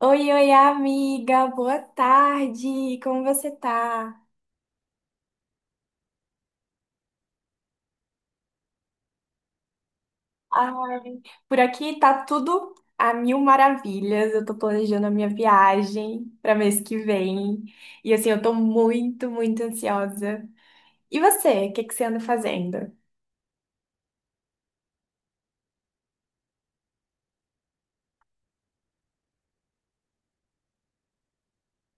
Oi, oi, amiga, boa tarde, como você tá? Ai, por aqui tá tudo a mil maravilhas. Eu tô planejando a minha viagem para mês que vem e assim, eu tô muito, muito ansiosa. E você, o que que você anda fazendo?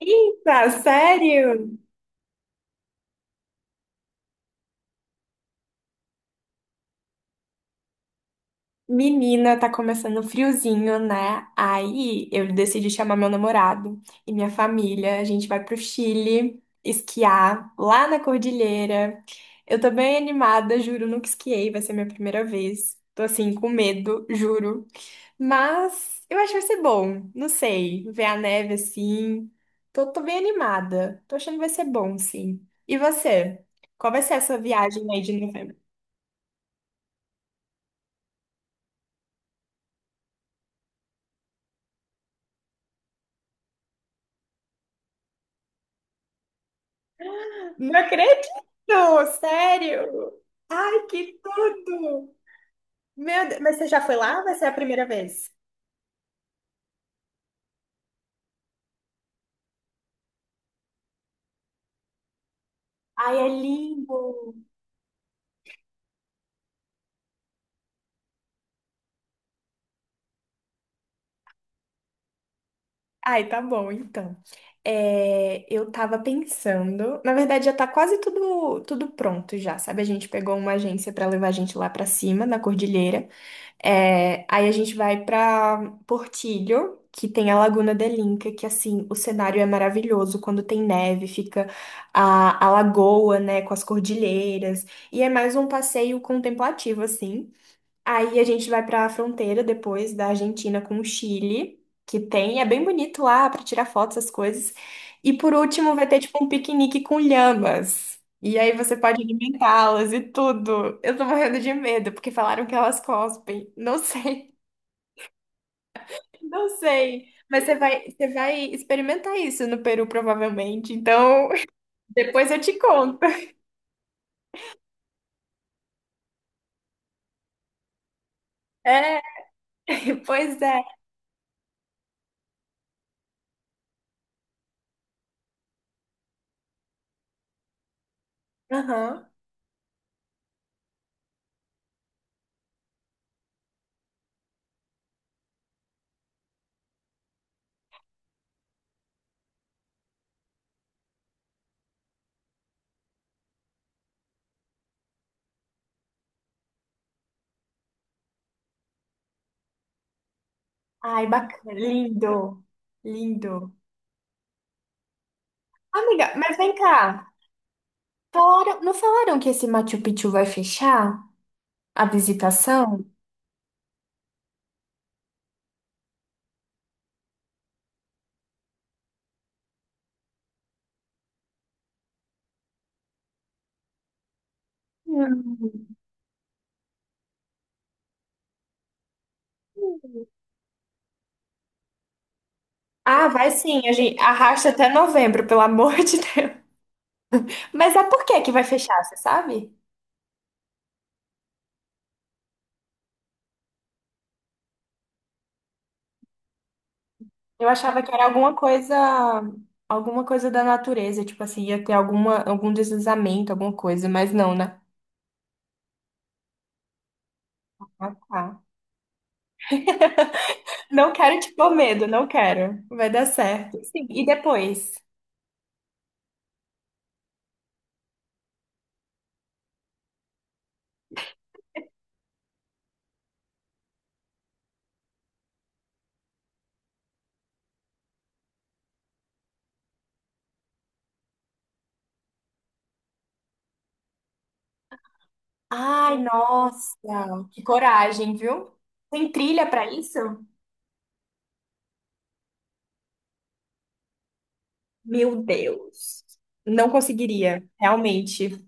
Eita, sério? Menina, tá começando o friozinho, né? Aí eu decidi chamar meu namorado e minha família. A gente vai pro Chile esquiar lá na cordilheira. Eu tô bem animada, juro, nunca esquiei, vai ser minha primeira vez. Tô assim, com medo, juro. Mas eu acho que vai ser bom, não sei, ver a neve assim. Tô, tô bem animada, tô achando que vai ser bom, sim. E você? Qual vai ser a sua viagem aí de novembro? Não acredito, sério. Ai, que tudo. Meu Deus, mas você já foi lá ou vai ser a primeira vez? Ai, é lindo. Ai, tá bom, então. É, eu tava pensando, na verdade já tá quase tudo pronto já, sabe? A gente pegou uma agência pra levar a gente lá pra cima, na cordilheira. É, aí a gente vai pra Portillo, que tem a Laguna de Linca, que assim, o cenário é maravilhoso. Quando tem neve, fica a lagoa, né, com as cordilheiras. E é mais um passeio contemplativo, assim. Aí a gente vai para a fronteira depois da Argentina com o Chile, que tem, é bem bonito lá para tirar fotos, essas coisas. E por último vai ter tipo um piquenique com lhamas. E aí você pode alimentá-las e tudo. Eu tô morrendo de medo porque falaram que elas cospem. Não sei, não sei. Mas você vai experimentar isso no Peru provavelmente. Então, depois eu te conto. É, pois é. Aham. Ai, bacana, lindo. Lindo. Amiga, mas vem cá. Fora- não falaram que esse Machu Picchu vai fechar a visitação? Hum. Ah, vai sim, a gente arrasta até novembro, pelo amor de Deus. Mas é por que que vai fechar, você sabe? Eu achava que era alguma coisa da natureza, tipo assim, ia ter alguma, algum deslizamento, alguma coisa, mas não, né? Ah, tá. Não quero te pôr medo, não quero. Vai dar certo. Sim, e depois? Ai, nossa, que coragem, viu? Tem trilha pra isso? Meu Deus. Não conseguiria, realmente.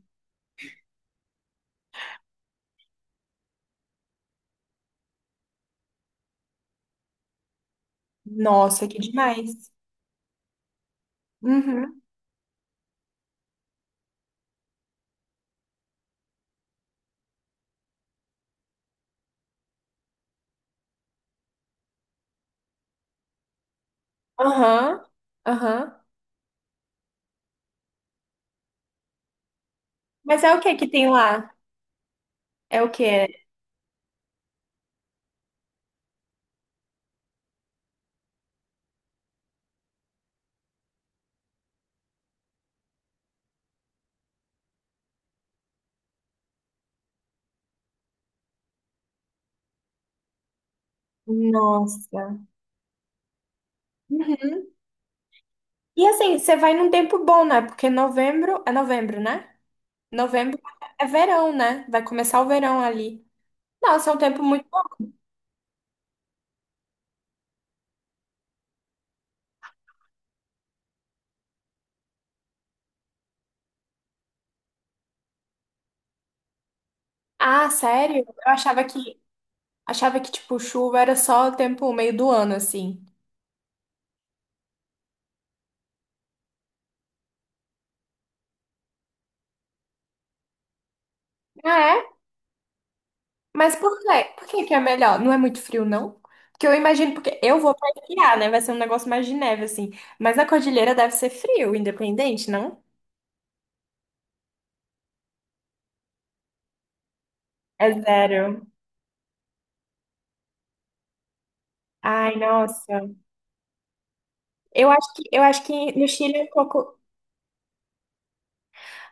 Nossa, que demais. Uhum. Aham. Aham. Mas é o que que tem lá? É o que? Nossa. Uhum. E assim, você vai num tempo bom, né? Porque novembro é novembro, né? Novembro é verão, né? Vai começar o verão ali. Nossa, é um tempo muito bom. Ah, sério? Eu achava que tipo chuva era só o tempo meio do ano assim. Ah, mas por quê? Por que que é melhor? Não é muito frio, não? Porque eu imagino, porque eu vou pra esquiar, né? Vai ser um negócio mais de neve, assim. Mas na cordilheira deve ser frio, independente, não? É zero. Ai, nossa. Eu acho que no Chile é um pouco.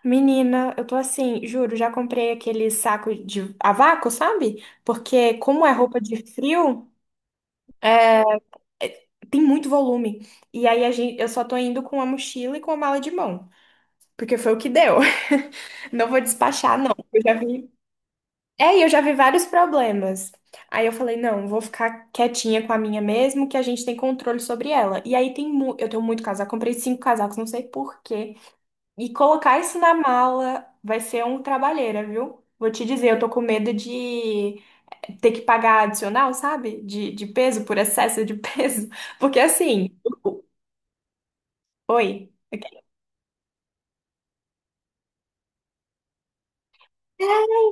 Menina, eu tô assim, juro, já comprei aquele saco de a vácuo, sabe? Porque como é roupa de frio, é- tem muito volume. E aí eu só tô indo com a mochila e com a mala de mão. Porque foi o que deu. Não vou despachar, não. Eu já vi. É, e eu já vi vários problemas. Aí eu falei, não, vou ficar quietinha com a minha mesmo, que a gente tem controle sobre ela. E aí tem mu eu tenho muito casaco, comprei cinco casacos, não sei por quê. E colocar isso na mala vai ser um trabalheira, viu? Vou te dizer, eu tô com medo de ter que pagar adicional, sabe? De peso, por excesso de peso. Porque assim, oi. É,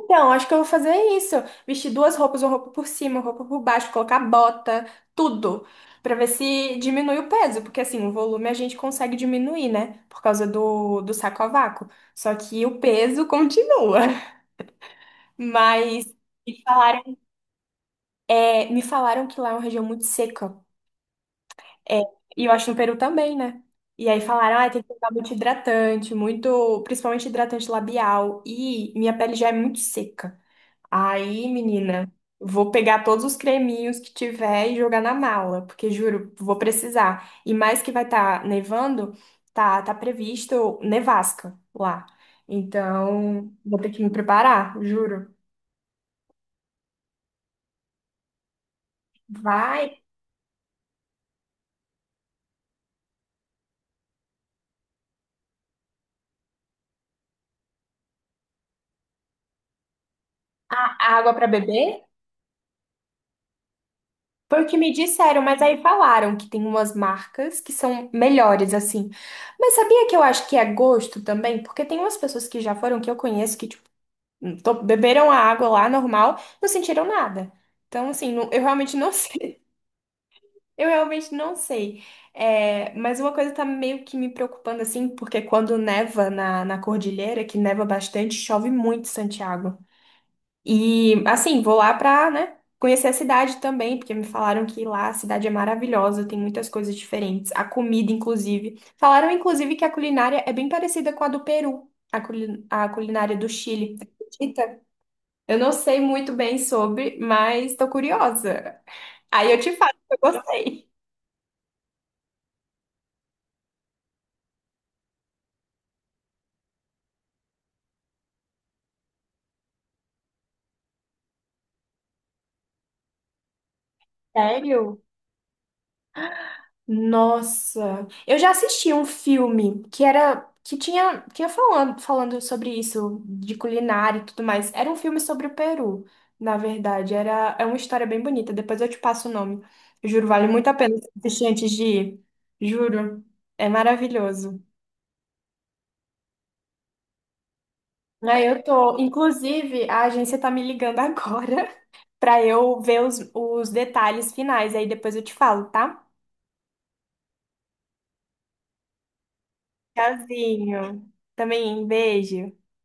então, acho que eu vou fazer isso. Vestir duas roupas, uma roupa por cima, uma roupa por baixo, colocar bota, tudo, pra ver se diminui o peso, porque assim, o volume a gente consegue diminuir, né? Por causa do saco a vácuo. Só que o peso continua. Mas me falaram, me falaram que lá é uma região muito seca. É, e eu acho no Peru também, né? E aí falaram, ah, tem que usar muito hidratante, muito, principalmente hidratante labial. E minha pele já é muito seca. Aí, menina, vou pegar todos os creminhos que tiver e jogar na mala, porque juro, vou precisar. E mais que vai estar nevando, tá previsto nevasca lá. Então, vou ter que me preparar, juro. Vai a água para beber? Foi o que me disseram, mas aí falaram que tem umas marcas que são melhores assim. Mas sabia que eu acho que é gosto também? Porque tem umas pessoas que já foram que eu conheço que beberam a água lá normal, não sentiram nada. Então, assim, não, eu realmente não sei. Eu realmente não sei. É, mas uma coisa tá meio que me preocupando, assim, porque quando neva na cordilheira, que neva bastante, chove muito em Santiago. E, assim, vou lá pra, né, conhecer a cidade também, porque me falaram que lá a cidade é maravilhosa, tem muitas coisas diferentes. A comida, inclusive. Falaram, inclusive, que a culinária é bem parecida com a do Peru, a culinária do Chile. Acredita? Eu não sei muito bem sobre, mas tô curiosa. Aí eu te falo se eu gostei. Sério? Nossa, eu já assisti um filme que era que tinha que ia falando sobre isso de culinária e tudo mais. Era um filme sobre o Peru, na verdade. Era É uma história bem bonita. Depois eu te passo o nome. Juro, vale muito a pena assistir antes de ir. Juro, é maravilhoso. Aí eu tô, inclusive, a agência tá me ligando agora, pra eu ver os detalhes finais. Aí depois eu te falo, tá? Tchauzinho. Também, beijo.